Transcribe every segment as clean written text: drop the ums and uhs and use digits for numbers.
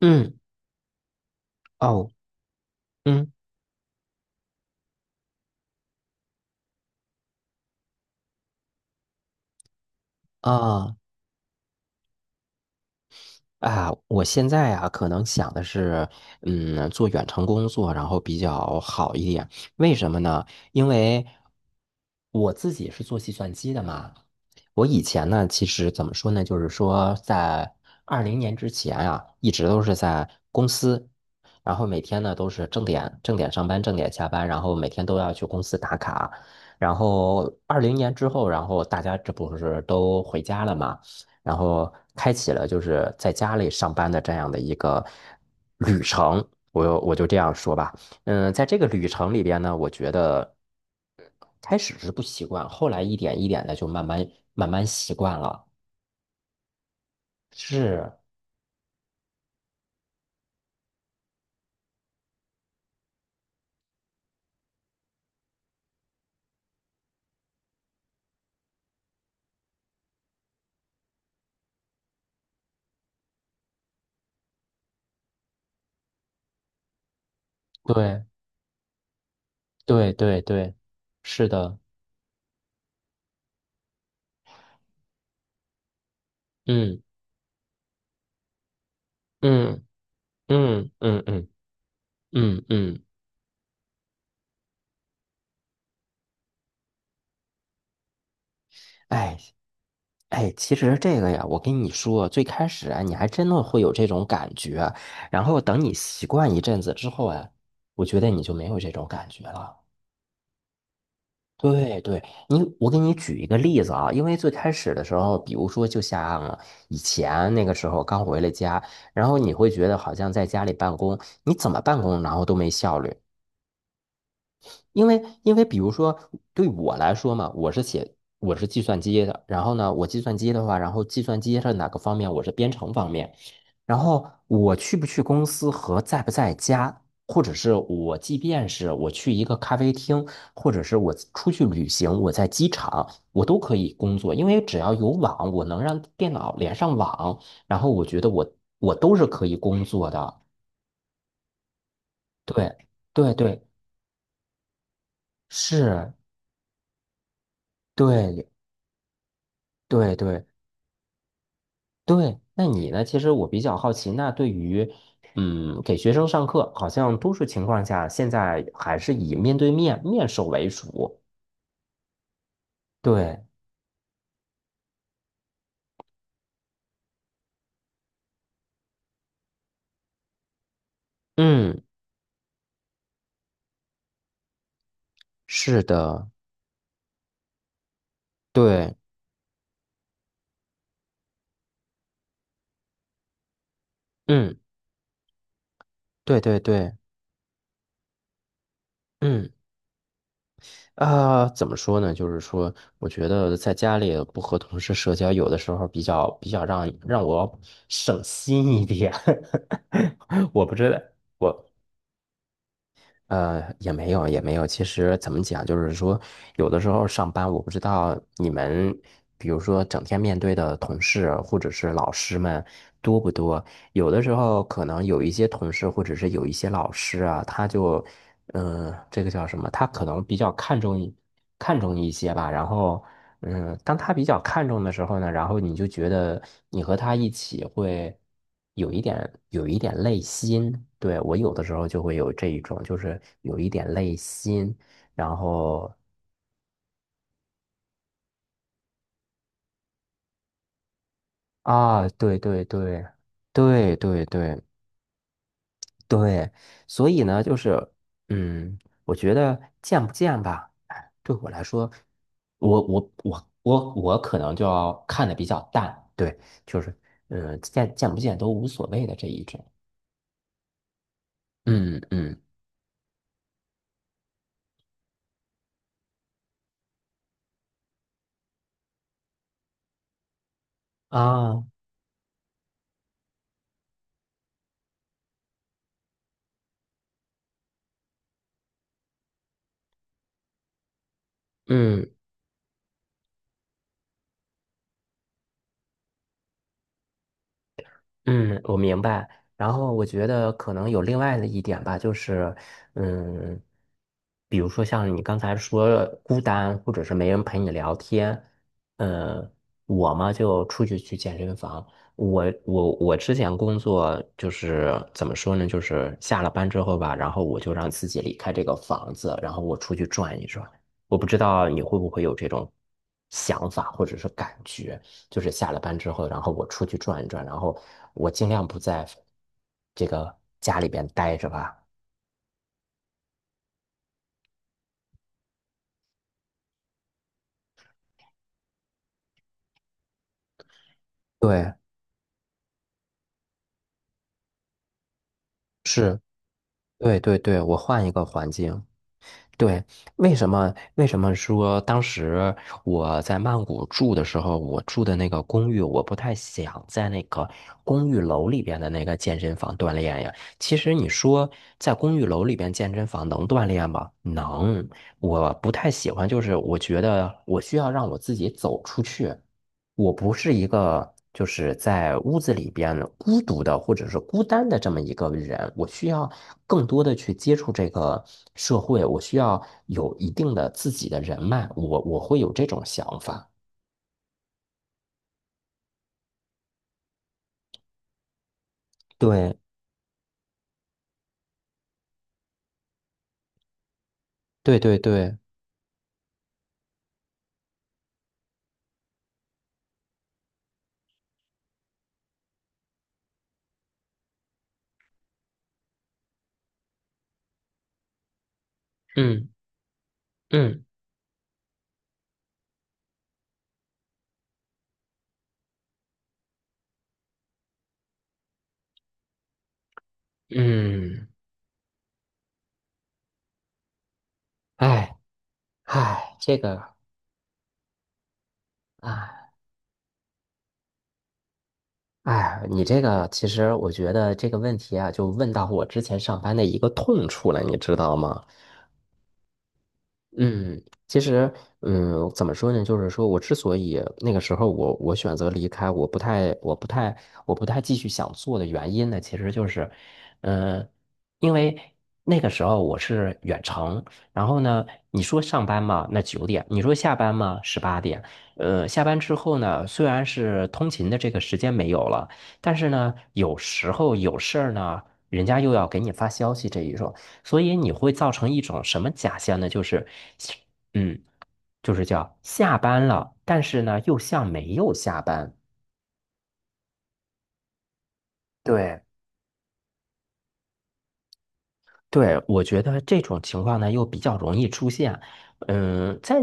嗯，哦，嗯啊我现在啊，可能想的是，做远程工作，然后比较好一点。为什么呢？因为我自己是做计算机的嘛，我以前呢，其实怎么说呢，就是说在二零年之前啊，一直都是在公司，然后每天呢都是正点上班，正点下班，然后每天都要去公司打卡。然后二零年之后，然后大家这不是都回家了嘛，然后开启了就是在家里上班的这样的一个旅程，我就这样说吧。嗯，在这个旅程里边呢，我觉得开始是不习惯，后来一点一点的就慢慢习惯了。是，对对对对，是的，嗯嗯嗯嗯嗯嗯嗯，哎哎，其实这个呀，我跟你说，最开始啊，你还真的会有这种感觉啊，然后等你习惯一阵子之后啊，我觉得你就没有这种感觉了。对对，我给你举一个例子啊，因为最开始的时候，比如说就像以前那个时候刚回了家，然后你会觉得好像在家里办公，你怎么办公然后都没效率，因为比如说对我来说嘛，我是计算机的，然后呢，我计算机的话，然后计算机是哪个方面？我是编程方面，然后我去不去公司和在不在家，或者是即便是我去一个咖啡厅，或者是我出去旅行，我在机场，我都可以工作，因为只要有网，我能让电脑连上网，然后我觉得我都是可以工作的。对对对，是，对对对。对，那你呢？其实我比较好奇，那对于，给学生上课，好像多数情况下现在还是以面对面面授为主。对，嗯，是的，对，嗯，对对对，嗯，啊、怎么说呢？就是说，我觉得在家里不和同事社交，有的时候比较让我省心一点。我不知道，我，也没有，也没有。其实怎么讲，就是说，有的时候上班，我不知道你们，比如说整天面对的同事或者是老师们多不多？有的时候可能有一些同事或者是有一些老师啊，他就，嗯、这个叫什么？他可能比较看重一些吧。然后，当他比较看重的时候呢，然后你就觉得你和他一起会。有一点有一点累心，对，我有的时候就会有这一种，就是有一点累心，然后啊，对对对对对对对，所以呢，就是嗯，我觉得见不见吧，哎对我来说，我可能就要看的比较淡，对，就是见不见都无所谓的这一种，嗯嗯啊，嗯。嗯，我明白。然后我觉得可能有另外的一点吧，就是，嗯，比如说像你刚才说孤单，或者是没人陪你聊天，呃，我嘛就出去去健身房。我之前工作就是怎么说呢，就是下了班之后吧，然后我就让自己离开这个房子，然后我出去转一转。我不知道你会不会有这种想法或者是感觉。就是下了班之后，然后我出去转一转，然后我尽量不在这个家里边待着吧。对，是，对对对，我换一个环境。对，为什么说当时我在曼谷住的时候，我住的那个公寓，我不太想在那个公寓楼里边的那个健身房锻炼呀？其实你说在公寓楼里边健身房能锻炼吗？能，我不太喜欢，就是我觉得我需要让我自己走出去。我不是一个就是在屋子里边孤独的或者是孤单的这么一个人，我需要更多的去接触这个社会，我需要有一定的自己的人脉，我会有这种想法。对，对对对，嗯嗯嗯，哎哎，这个啊。哎，你这个其实我觉得这个问题啊，就问到我之前上班的一个痛处了，你知道吗？嗯，其实，怎么说呢？就是说我之所以那个时候我选择离开，我不太继续想做的原因呢，其实就是，呃，因为那个时候我是远程，然后呢，你说上班嘛，那9点；你说下班嘛，18点。下班之后呢，虽然是通勤的这个时间没有了，但是呢，有时候有事儿呢，人家又要给你发消息这一种。所以你会造成一种什么假象呢？就是，嗯，就是叫下班了，但是呢又像没有下班。对，对，我觉得这种情况呢又比较容易出现。再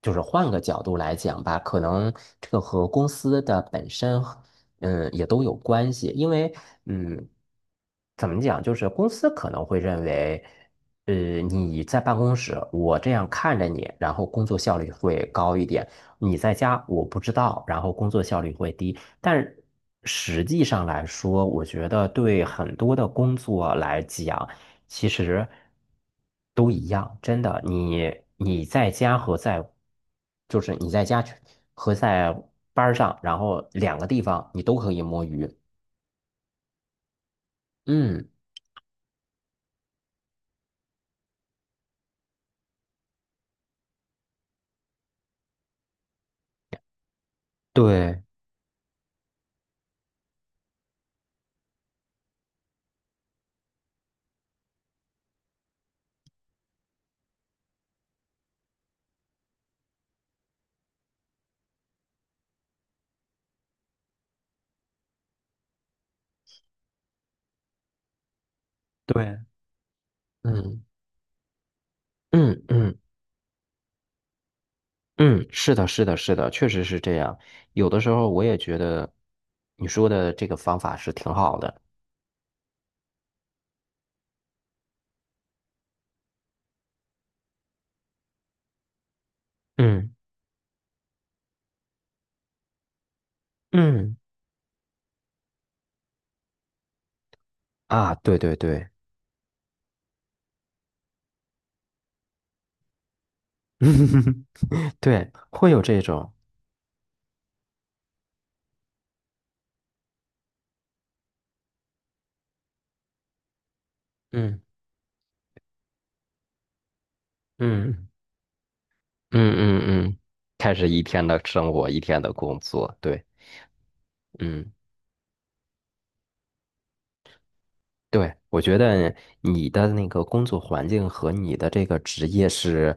就是换个角度来讲吧，可能这个和公司的本身，也都有关系。因为，嗯，怎么讲，就是公司可能会认为，呃，你在办公室，我这样看着你，然后工作效率会高一点；你在家，我不知道，然后工作效率会低。但实际上来说，我觉得对很多的工作来讲，其实都一样，真的。你在家和在，就是你在家去和在班儿上，然后两个地方你都可以摸鱼。嗯，对对，嗯嗯嗯嗯，是的，是的，是的，确实是这样。有的时候我也觉得你说的这个方法是挺好的。嗯嗯啊，对对对，对，会有这种。嗯嗯。嗯嗯嗯，开始一天的生活，一天的工作，对，嗯，对，我觉得你的那个工作环境和你的这个职业是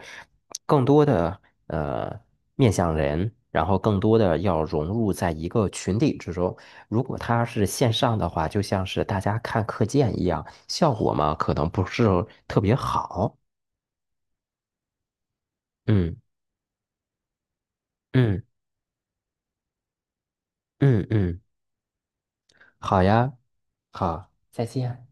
更多的呃面向人，然后更多的要融入在一个群体之中。如果它是线上的话，就像是大家看课件一样，效果嘛可能不是特别好。嗯嗯嗯嗯，好呀，好，再见。